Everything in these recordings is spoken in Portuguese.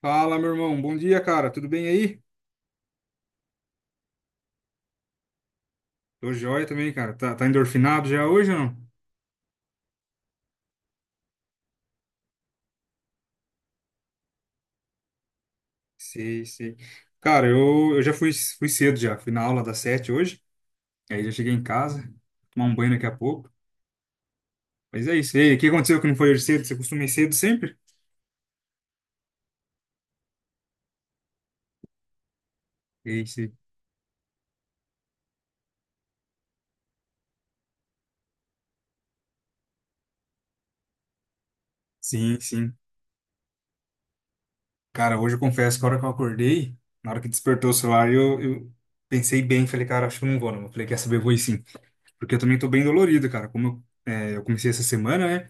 Fala, meu irmão. Bom dia, cara. Tudo bem aí? Tô joia também, cara. Tá, endorfinado já hoje ou não? Sei, sei. Cara, eu já fui cedo já. Fui na aula das 7 hoje. Aí já cheguei em casa. Tomar um banho daqui a pouco. Mas é isso. E aí, o que aconteceu que não foi hoje cedo? Você costuma ir cedo sempre? É isso. Sim, sim. Cara, hoje eu confesso que a hora que eu acordei, na hora que despertou o celular, eu pensei bem. Falei, cara, acho que eu não vou, não. Eu falei, quer saber, eu vou ir sim. Porque eu também tô bem dolorido, cara. Como eu comecei essa semana, né?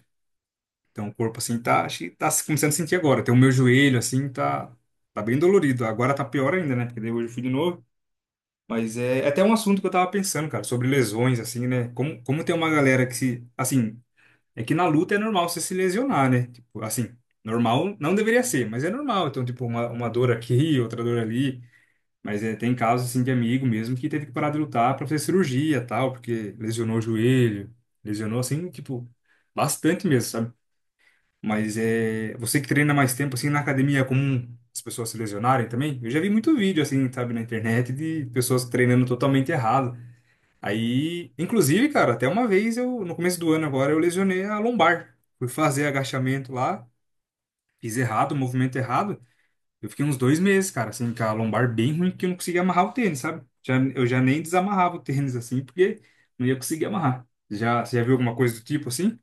Então, o corpo, assim, tá, acho que tá começando a sentir agora. Tem o meu joelho, assim, tá bem dolorido. Agora tá pior ainda, né? Porque daí hoje eu fui de novo. Mas é até um assunto que eu tava pensando, cara, sobre lesões, assim, né? Como tem uma galera que se, assim, é que na luta é normal você se lesionar, né? Tipo, assim, normal não deveria ser, mas é normal. Então, tipo, uma dor aqui, outra dor ali. Mas é, tem casos, assim, de amigo mesmo que teve que parar de lutar pra fazer cirurgia, tal, porque lesionou o joelho, lesionou, assim, tipo, bastante mesmo, sabe? Mas é você que treina mais tempo assim na academia, é comum as pessoas se lesionarem também? Eu já vi muito vídeo assim, sabe, na internet, de pessoas treinando totalmente errado. Aí, inclusive, cara, até uma vez, eu no começo do ano agora, eu lesionei a lombar. Fui fazer agachamento lá, fiz errado, o movimento errado. Eu fiquei uns 2 meses, cara, assim, com a lombar bem ruim, porque eu não conseguia amarrar o tênis, sabe? Eu já nem desamarrava o tênis assim, porque não ia conseguir amarrar. Você já viu alguma coisa do tipo assim?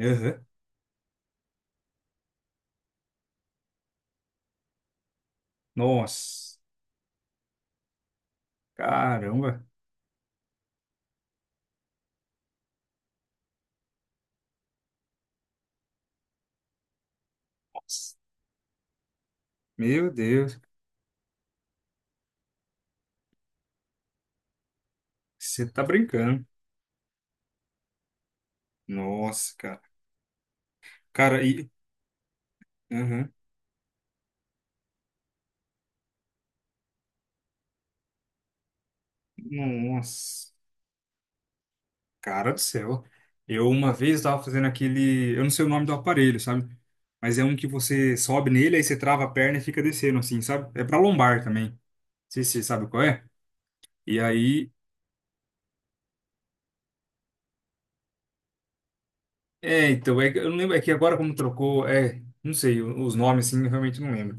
Aham. Nossa, caramba. Meu Deus, você tá brincando. Nossa, cara. Cara, e. Aham. Nossa, cara do céu. Eu uma vez estava fazendo aquele. Eu não sei o nome do aparelho, sabe? Mas é um que você sobe nele, aí você trava a perna e fica descendo, assim, sabe? É pra lombar também. Não sei se você sabe qual é. E aí. É, então, eu não lembro. É que agora como trocou. É. Não sei, os nomes, assim, eu realmente não lembro.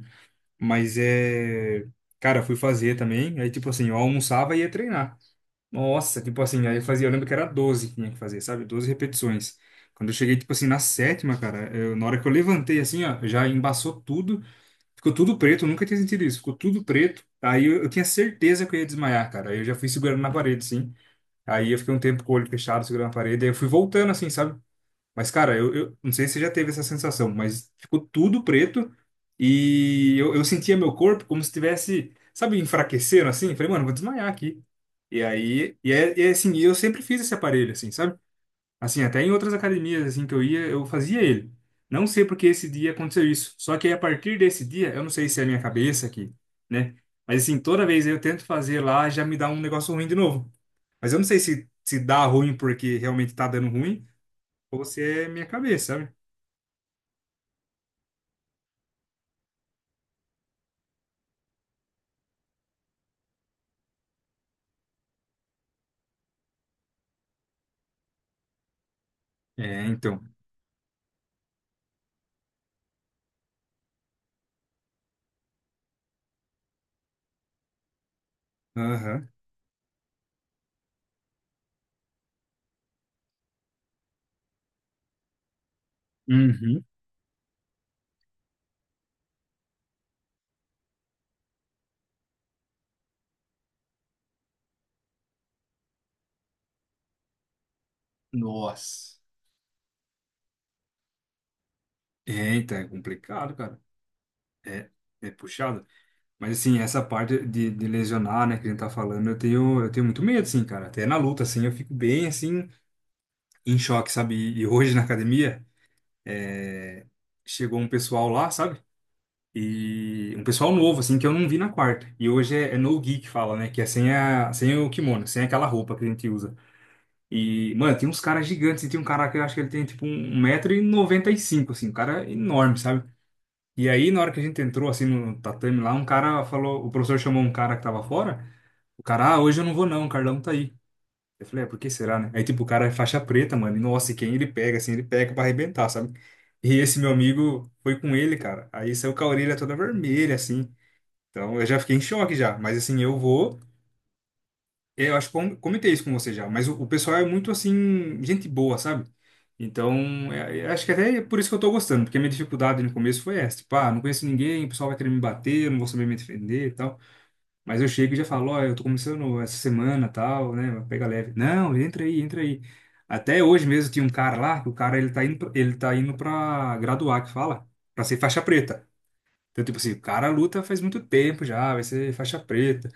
Mas é. Cara, eu fui fazer também. Aí, tipo assim, eu almoçava e ia treinar. Nossa, tipo assim, aí eu fazia, eu lembro que era 12 que tinha que fazer, sabe? 12 repetições. Quando eu cheguei, tipo assim, na sétima, cara, na hora que eu levantei, assim, ó, já embaçou tudo, ficou tudo preto, eu nunca tinha sentido isso, ficou tudo preto. Aí eu tinha certeza que eu ia desmaiar, cara. Aí eu já fui segurando na parede, assim. Aí eu fiquei um tempo com o olho fechado, segurando na parede, aí eu fui voltando, assim, sabe? Mas, cara, eu não sei se você já teve essa sensação, mas ficou tudo preto e eu sentia meu corpo como se estivesse, sabe, enfraquecendo assim. Falei, mano, vou desmaiar aqui. E aí, e é assim, eu sempre fiz esse aparelho, assim, sabe? Assim, até em outras academias, assim, que eu ia, eu fazia ele. Não sei porque esse dia aconteceu isso. Só que aí, a partir desse dia, eu não sei se é a minha cabeça aqui, né? Mas, assim, toda vez eu tento fazer lá, já me dá um negócio ruim de novo. Mas eu não sei se dá ruim porque realmente tá dando ruim ou se é minha cabeça, sabe? É, então. Aham. Uhum. Nossa. É, então é complicado, cara. É, é puxado. Mas assim, essa parte de lesionar, né, que a gente tá falando, eu tenho muito medo, assim, cara. Até na luta, assim, eu fico bem, assim, em choque, sabe? E hoje na academia, é, chegou um pessoal lá, sabe? E um pessoal novo, assim, que eu não vi na quarta. E hoje é no gi que fala, né? Que é sem o kimono, sem aquela roupa que a gente usa. E, mano, tem uns caras gigantes. E tem um cara que eu acho que ele tem, tipo, um metro e noventa e cinco assim. Um cara enorme, sabe? E aí, na hora que a gente entrou, assim, no tatame lá, um cara falou. O professor chamou um cara que tava fora. O cara, ah, hoje eu não vou não, o Carlão tá aí. Eu falei, por que será, né? Aí, tipo, o cara é faixa preta, mano. E, nossa, e quem ele pega, assim, ele pega pra arrebentar, sabe? E esse meu amigo foi com ele, cara. Aí saiu com a orelha toda vermelha, assim. Então, eu já fiquei em choque já. Mas, assim, eu vou. Eu acho que comentei isso com você já, mas o pessoal é muito assim, gente boa, sabe? Então, acho que até é por isso que eu tô gostando, porque a minha dificuldade no começo foi essa, tipo, ah, não conheço ninguém, o pessoal vai querer me bater, eu não vou saber me defender e tal. Mas eu chego e já falo, ó, eu tô começando essa semana, tal, né? Pega leve. Não, entra aí, entra aí. Até hoje mesmo tinha um cara lá, que o cara ele tá indo, ele tá indo pra graduar, que fala, pra ser faixa preta. Então, tipo assim, o cara luta faz muito tempo já, vai ser faixa preta.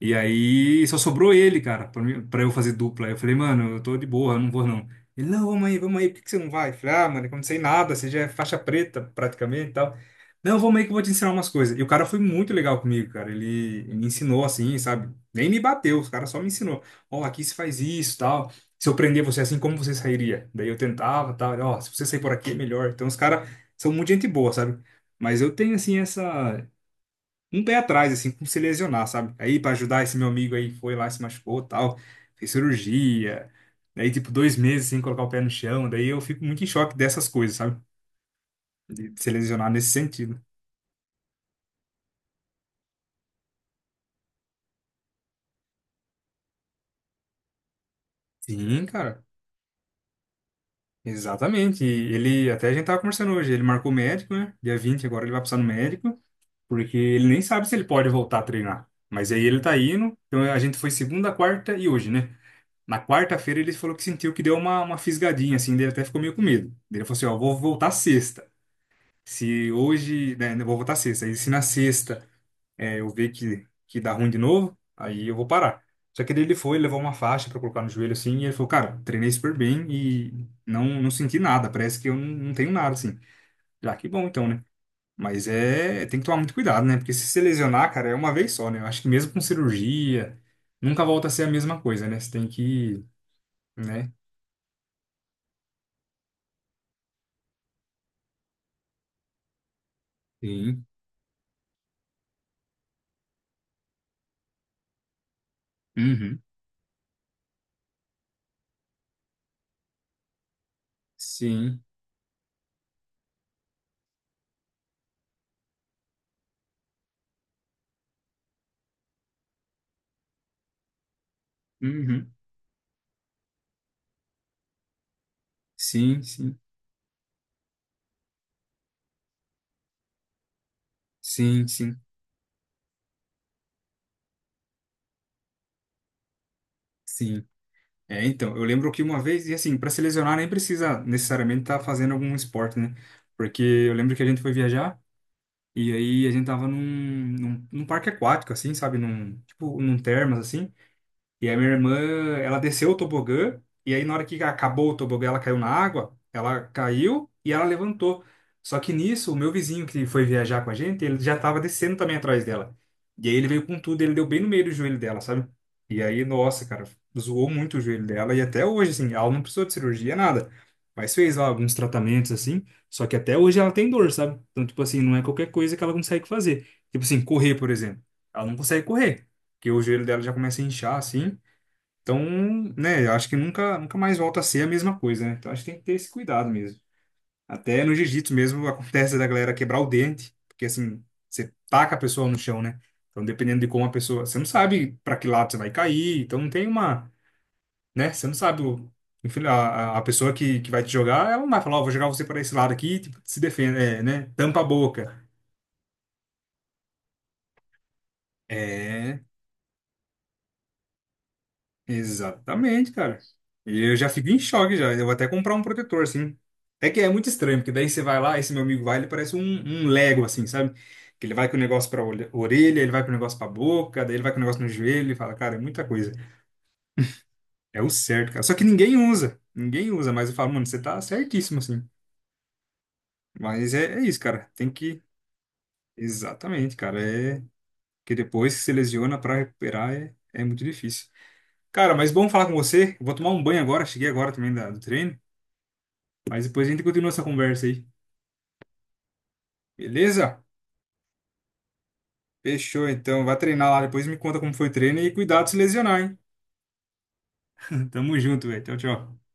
E aí só sobrou ele, cara, pra eu fazer dupla. Aí eu falei, mano, eu tô de boa, eu não vou não. Ele, não, vamos aí, por que que você não vai? Eu falei, ah, mano, eu não sei nada, você já é faixa preta praticamente e tal. Não, vamos aí que eu vou te ensinar umas coisas. E o cara foi muito legal comigo, cara. Ele me ensinou assim, sabe? Nem me bateu, o cara só me ensinou. Ó, aqui se faz isso, tal. Se eu prender você assim, como você sairia? Daí eu tentava, tal. Ele, ó, se você sair por aqui é melhor. Então os caras são muito gente boa, sabe? Mas eu tenho assim essa, um pé atrás, assim, com se lesionar, sabe? Aí, pra ajudar esse meu amigo aí, foi lá, se machucou, tal, fez cirurgia. Daí, tipo, 2 meses sem colocar o pé no chão. Daí eu fico muito em choque dessas coisas, sabe? De se lesionar nesse sentido. Sim, cara. Exatamente. E ele, até a gente tava conversando hoje, ele marcou médico, né? Dia 20, agora ele vai passar no médico, porque ele nem sabe se ele pode voltar a treinar. Mas aí ele tá indo. Então a gente foi segunda, quarta e hoje, né? Na quarta-feira ele falou que sentiu que deu uma fisgadinha, assim, dele, até ficou meio com medo. Daí ele falou assim, ó, vou voltar sexta. Se hoje, né, eu vou voltar sexta. E se na sexta eu ver que dá ruim de novo, aí eu vou parar. Só que daí ele foi, levou uma faixa pra colocar no joelho, assim, e ele falou, cara, treinei super bem e não senti nada, parece que eu não tenho nada, assim. Já que bom, então, né? Mas é, tem que tomar muito cuidado, né? Porque se você lesionar, cara, é uma vez só, né? Eu acho que mesmo com cirurgia, nunca volta a ser a mesma coisa, né? Você tem que, né? Sim. Uhum. Sim. Uhum. Sim, sim. Sim, sim, sim. É, então, eu lembro que uma vez, e assim, para se lesionar nem precisa necessariamente estar fazendo algum esporte, né? Porque eu lembro que a gente foi viajar e aí a gente tava num parque aquático, assim, sabe? Tipo, num termas, assim. E a minha irmã, ela desceu o tobogã, e aí na hora que acabou o tobogã, ela caiu na água, ela caiu e ela levantou. Só que nisso, o meu vizinho que foi viajar com a gente, ele já estava descendo também atrás dela. E aí ele veio com tudo, ele deu bem no meio do joelho dela, sabe? E aí, nossa, cara, zoou muito o joelho dela, e até hoje, assim, ela não precisou de cirurgia, nada. Mas fez lá alguns tratamentos, assim, só que até hoje ela tem dor, sabe? Então, tipo assim, não é qualquer coisa que ela consegue fazer. Tipo assim, correr, por exemplo. Ela não consegue correr, porque o joelho dela já começa a inchar, assim. Então, né, eu acho que nunca, nunca mais volta a ser a mesma coisa, né? Então, acho que tem que ter esse cuidado mesmo. Até no jiu-jitsu mesmo acontece da galera quebrar o dente, porque assim, você taca a pessoa no chão, né? Então, dependendo de como a pessoa. Você não sabe para que lado você vai cair, então não tem uma. Né? Você não sabe. Enfim, A pessoa que vai te jogar, ela não vai falar, ó, vou jogar você para esse lado aqui, tipo, se defenda, é, né? Tampa a boca. É, exatamente, cara. E eu já fico em choque já. Eu vou até comprar um protetor, assim. É que é muito estranho, porque daí você vai lá, esse meu amigo vai, ele parece um Lego, assim, sabe? Que ele vai com o negócio pra orelha, ele vai com o negócio pra boca, daí ele vai com o negócio no joelho, ele fala, cara, é muita coisa. É o certo, cara. Só que ninguém usa. Ninguém usa, mas eu falo, mano, você tá certíssimo, assim. Mas é, isso, cara. Tem que. Exatamente, cara. É que depois que se lesiona pra recuperar é muito difícil. Cara, mas bom falar com você. Eu vou tomar um banho agora, cheguei agora também do treino. Mas depois a gente continua essa conversa aí. Beleza? Fechou, então. Vai treinar lá. Depois me conta como foi o treino e cuidado de se lesionar, hein? Tamo junto, velho. Tchau, tchau.